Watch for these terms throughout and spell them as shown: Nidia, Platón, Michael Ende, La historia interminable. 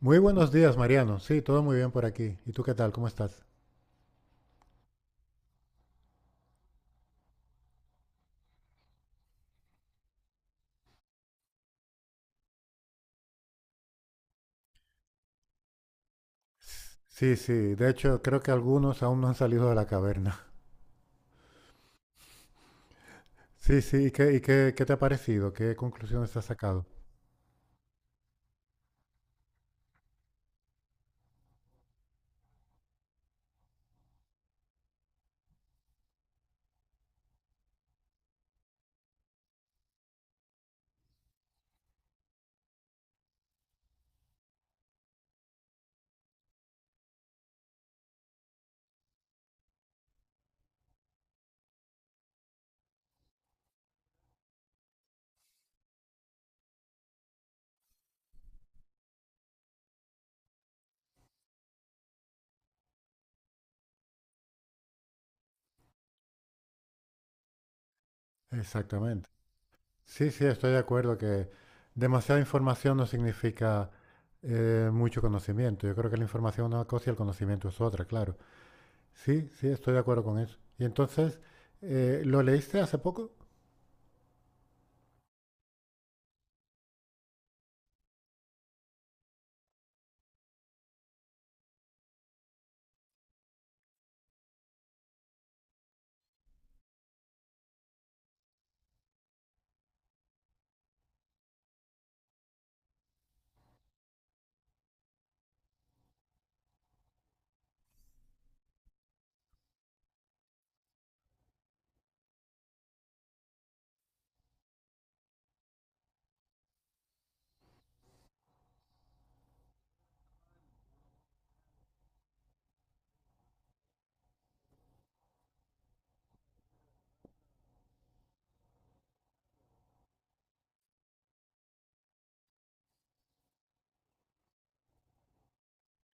Muy buenos días, Mariano. Sí, todo muy bien por aquí. ¿Y tú qué tal? ¿Cómo estás? Sí, sí. De hecho, creo que algunos aún no han salido de la caverna. Sí, sí. ¿Qué te ha parecido? ¿Qué conclusiones has sacado? Exactamente. Sí, sí, estoy de acuerdo que demasiada información no significa mucho conocimiento. Yo creo que la información es una cosa y el conocimiento es otra, claro. Sí, sí, estoy de acuerdo con eso. ¿Y entonces, lo leíste hace poco?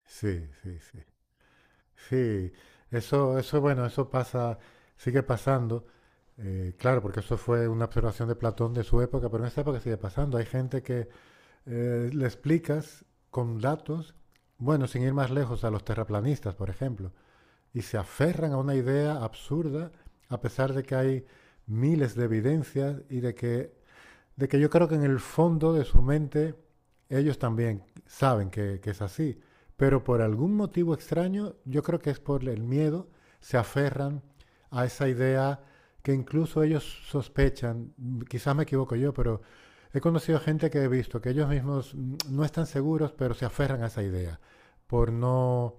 Sí, sí, sí. Sí, eso, bueno, eso pasa, sigue pasando, claro, porque eso fue una observación de Platón de su época, pero en esta época sigue pasando. Hay gente que le explicas con datos, bueno, sin ir más lejos, a los terraplanistas, por ejemplo, y se aferran a una idea absurda, a pesar de que hay miles de evidencias y de que yo creo que en el fondo de su mente ellos también saben que es así, pero por algún motivo extraño, yo creo que es por el miedo, se aferran a esa idea que incluso ellos sospechan, quizás me equivoco yo, pero he conocido gente que he visto que ellos mismos no están seguros, pero se aferran a esa idea por no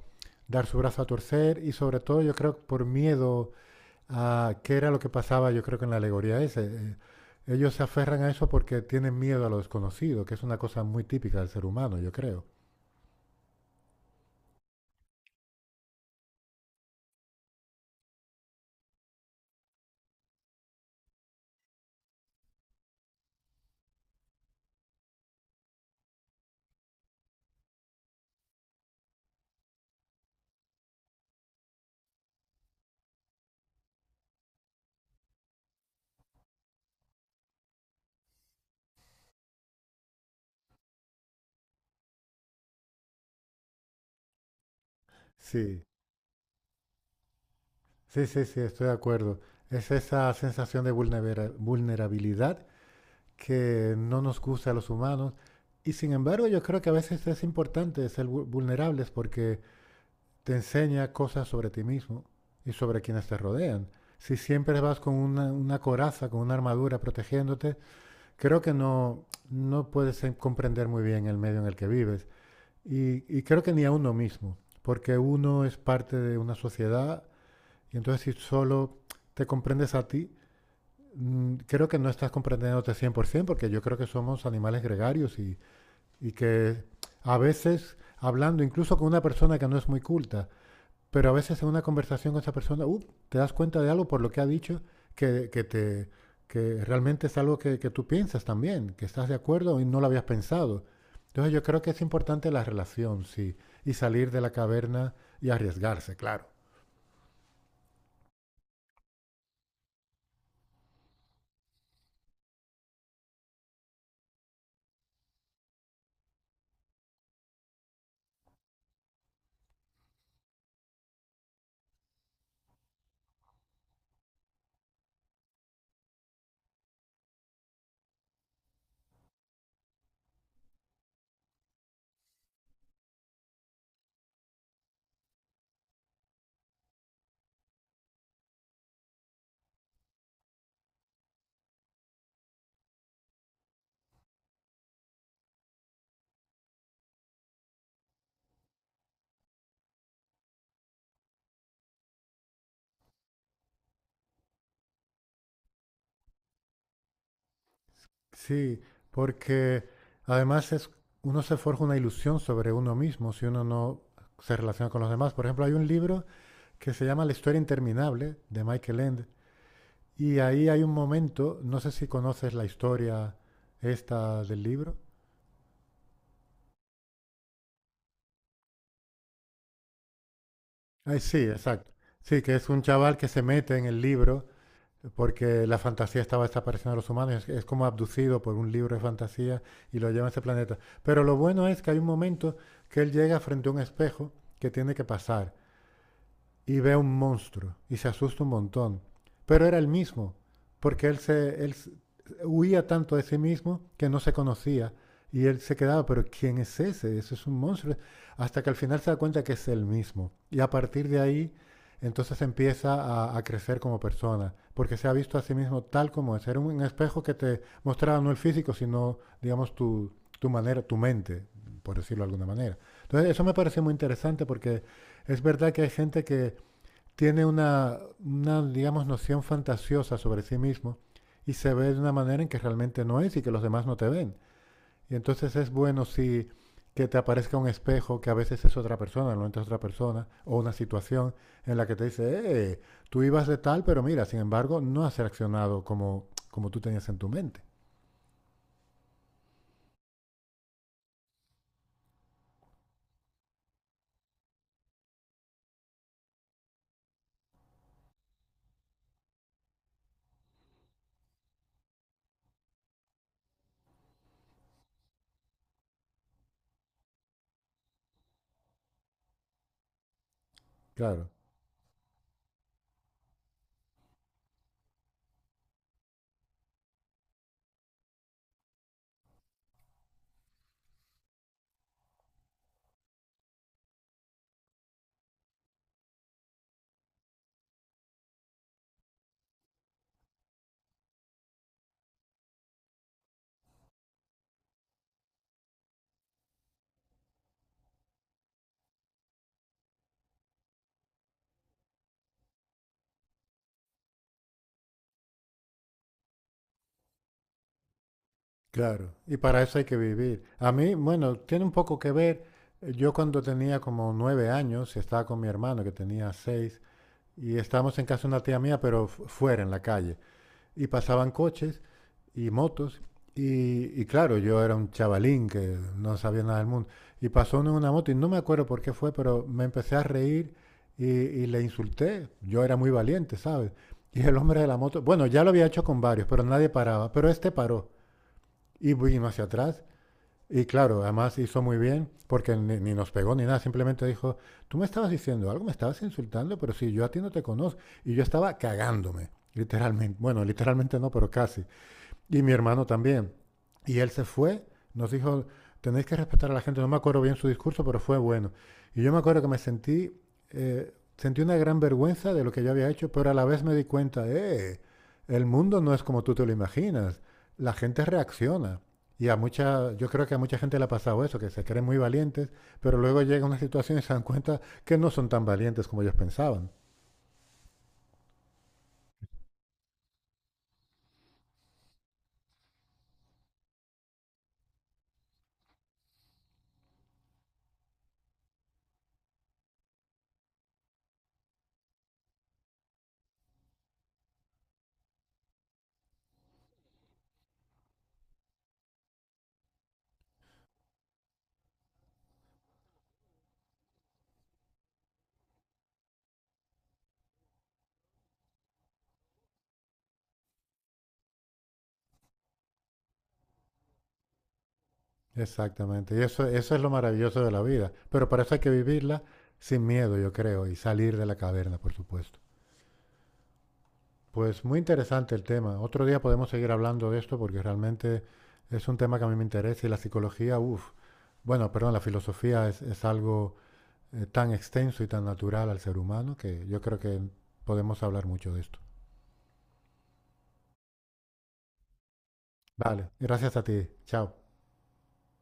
dar su brazo a torcer y sobre todo yo creo por miedo a qué era lo que pasaba, yo creo que en la alegoría ese. Ellos se aferran a eso porque tienen miedo a lo desconocido, que es una cosa muy típica del ser humano, yo creo. Sí, sí, sí, sí, estoy de acuerdo. Es esa sensación de vulnerabilidad que no nos gusta a los humanos. Y sin embargo, yo creo que a veces es importante ser vulnerables porque te enseña cosas sobre ti mismo y sobre quienes te rodean. Si siempre vas con una coraza, con una armadura protegiéndote, creo que no, no puedes comprender muy bien el medio en el que vives. Y creo que ni a uno mismo, porque uno es parte de una sociedad y entonces si solo te comprendes a ti, creo que no estás comprendiéndote 100%, porque yo creo que somos animales gregarios y que a veces, hablando incluso con una persona que no es muy culta, pero a veces en una conversación con esa persona te das cuenta de algo por lo que ha dicho que te, que realmente es algo que, tú piensas también, que estás de acuerdo y no lo habías pensado. Entonces yo creo que es importante la relación, sí, y salir de la caverna y arriesgarse, claro. Sí, porque además es, uno se forja una ilusión sobre uno mismo si uno no se relaciona con los demás. Por ejemplo, hay un libro que se llama La historia interminable, de Michael Ende. Y ahí hay un momento, no sé si conoces la historia esta del libro. Ah, sí, exacto. Sí, que es un chaval que se mete en el libro porque la fantasía estaba desapareciendo de los humanos, es como abducido por un libro de fantasía y lo lleva a ese planeta. Pero lo bueno es que hay un momento que él llega frente a un espejo que tiene que pasar y ve un monstruo y se asusta un montón. Pero era el mismo, porque él huía tanto de sí mismo que no se conocía y él se quedaba, pero ¿quién es ese? Ese es un monstruo. Hasta que al final se da cuenta que es el mismo. Y a partir de ahí, entonces empieza a crecer como persona, porque se ha visto a sí mismo tal como es. Era un espejo que te mostraba no el físico, sino, digamos, tu manera, tu mente, por decirlo de alguna manera. Entonces, eso me parece muy interesante porque es verdad que hay gente que tiene una, digamos, noción fantasiosa sobre sí mismo y se ve de una manera en que realmente no es y que los demás no te ven. Y entonces es bueno si que te aparezca un espejo que a veces es otra persona, no es otra persona, o una situación en la que te dice, tú ibas de tal, pero mira, sin embargo, no has reaccionado como, como tú tenías en tu mente. Claro, claro. Y para eso hay que vivir. A mí, bueno, tiene un poco que ver, yo cuando tenía como 9 años y estaba con mi hermano que tenía seis, y estábamos en casa de una tía mía, pero fuera, en la calle. Y pasaban coches y motos. Y claro, yo era un chavalín que no sabía nada del mundo. Y pasó uno en una moto y no me acuerdo por qué fue, pero me empecé a reír y le insulté. Yo era muy valiente, ¿sabes? Y el hombre de la moto, bueno, ya lo había hecho con varios, pero nadie paraba. Pero este paró y vino hacia atrás y claro, además hizo muy bien, porque ni, ni nos pegó ni nada, simplemente dijo, tú me estabas diciendo algo, me estabas insultando, pero si yo a ti no te conozco. Y yo estaba cagándome, literalmente. Bueno, literalmente no, pero casi. Y mi hermano también. Y él se fue, nos dijo, tenéis que respetar a la gente. No me acuerdo bien su discurso, pero fue bueno. Y yo me acuerdo que me sentí, sentí una gran vergüenza de lo que yo había hecho, pero a la vez me di cuenta, el mundo no es como tú te lo imaginas. La gente reacciona. Y a mucha, yo creo que a mucha gente le ha pasado eso, que se creen muy valientes, pero luego llega una situación y se dan cuenta que no son tan valientes como ellos pensaban. Exactamente. Y eso es lo maravilloso de la vida. Pero para eso hay que vivirla sin miedo, yo creo, y salir de la caverna, por supuesto. Pues muy interesante el tema. Otro día podemos seguir hablando de esto porque realmente es un tema que a mí me interesa y la psicología, uff, bueno, perdón, la filosofía es algo tan extenso y tan natural al ser humano que yo creo que podemos hablar mucho de esto. Vale, gracias a ti. Chao.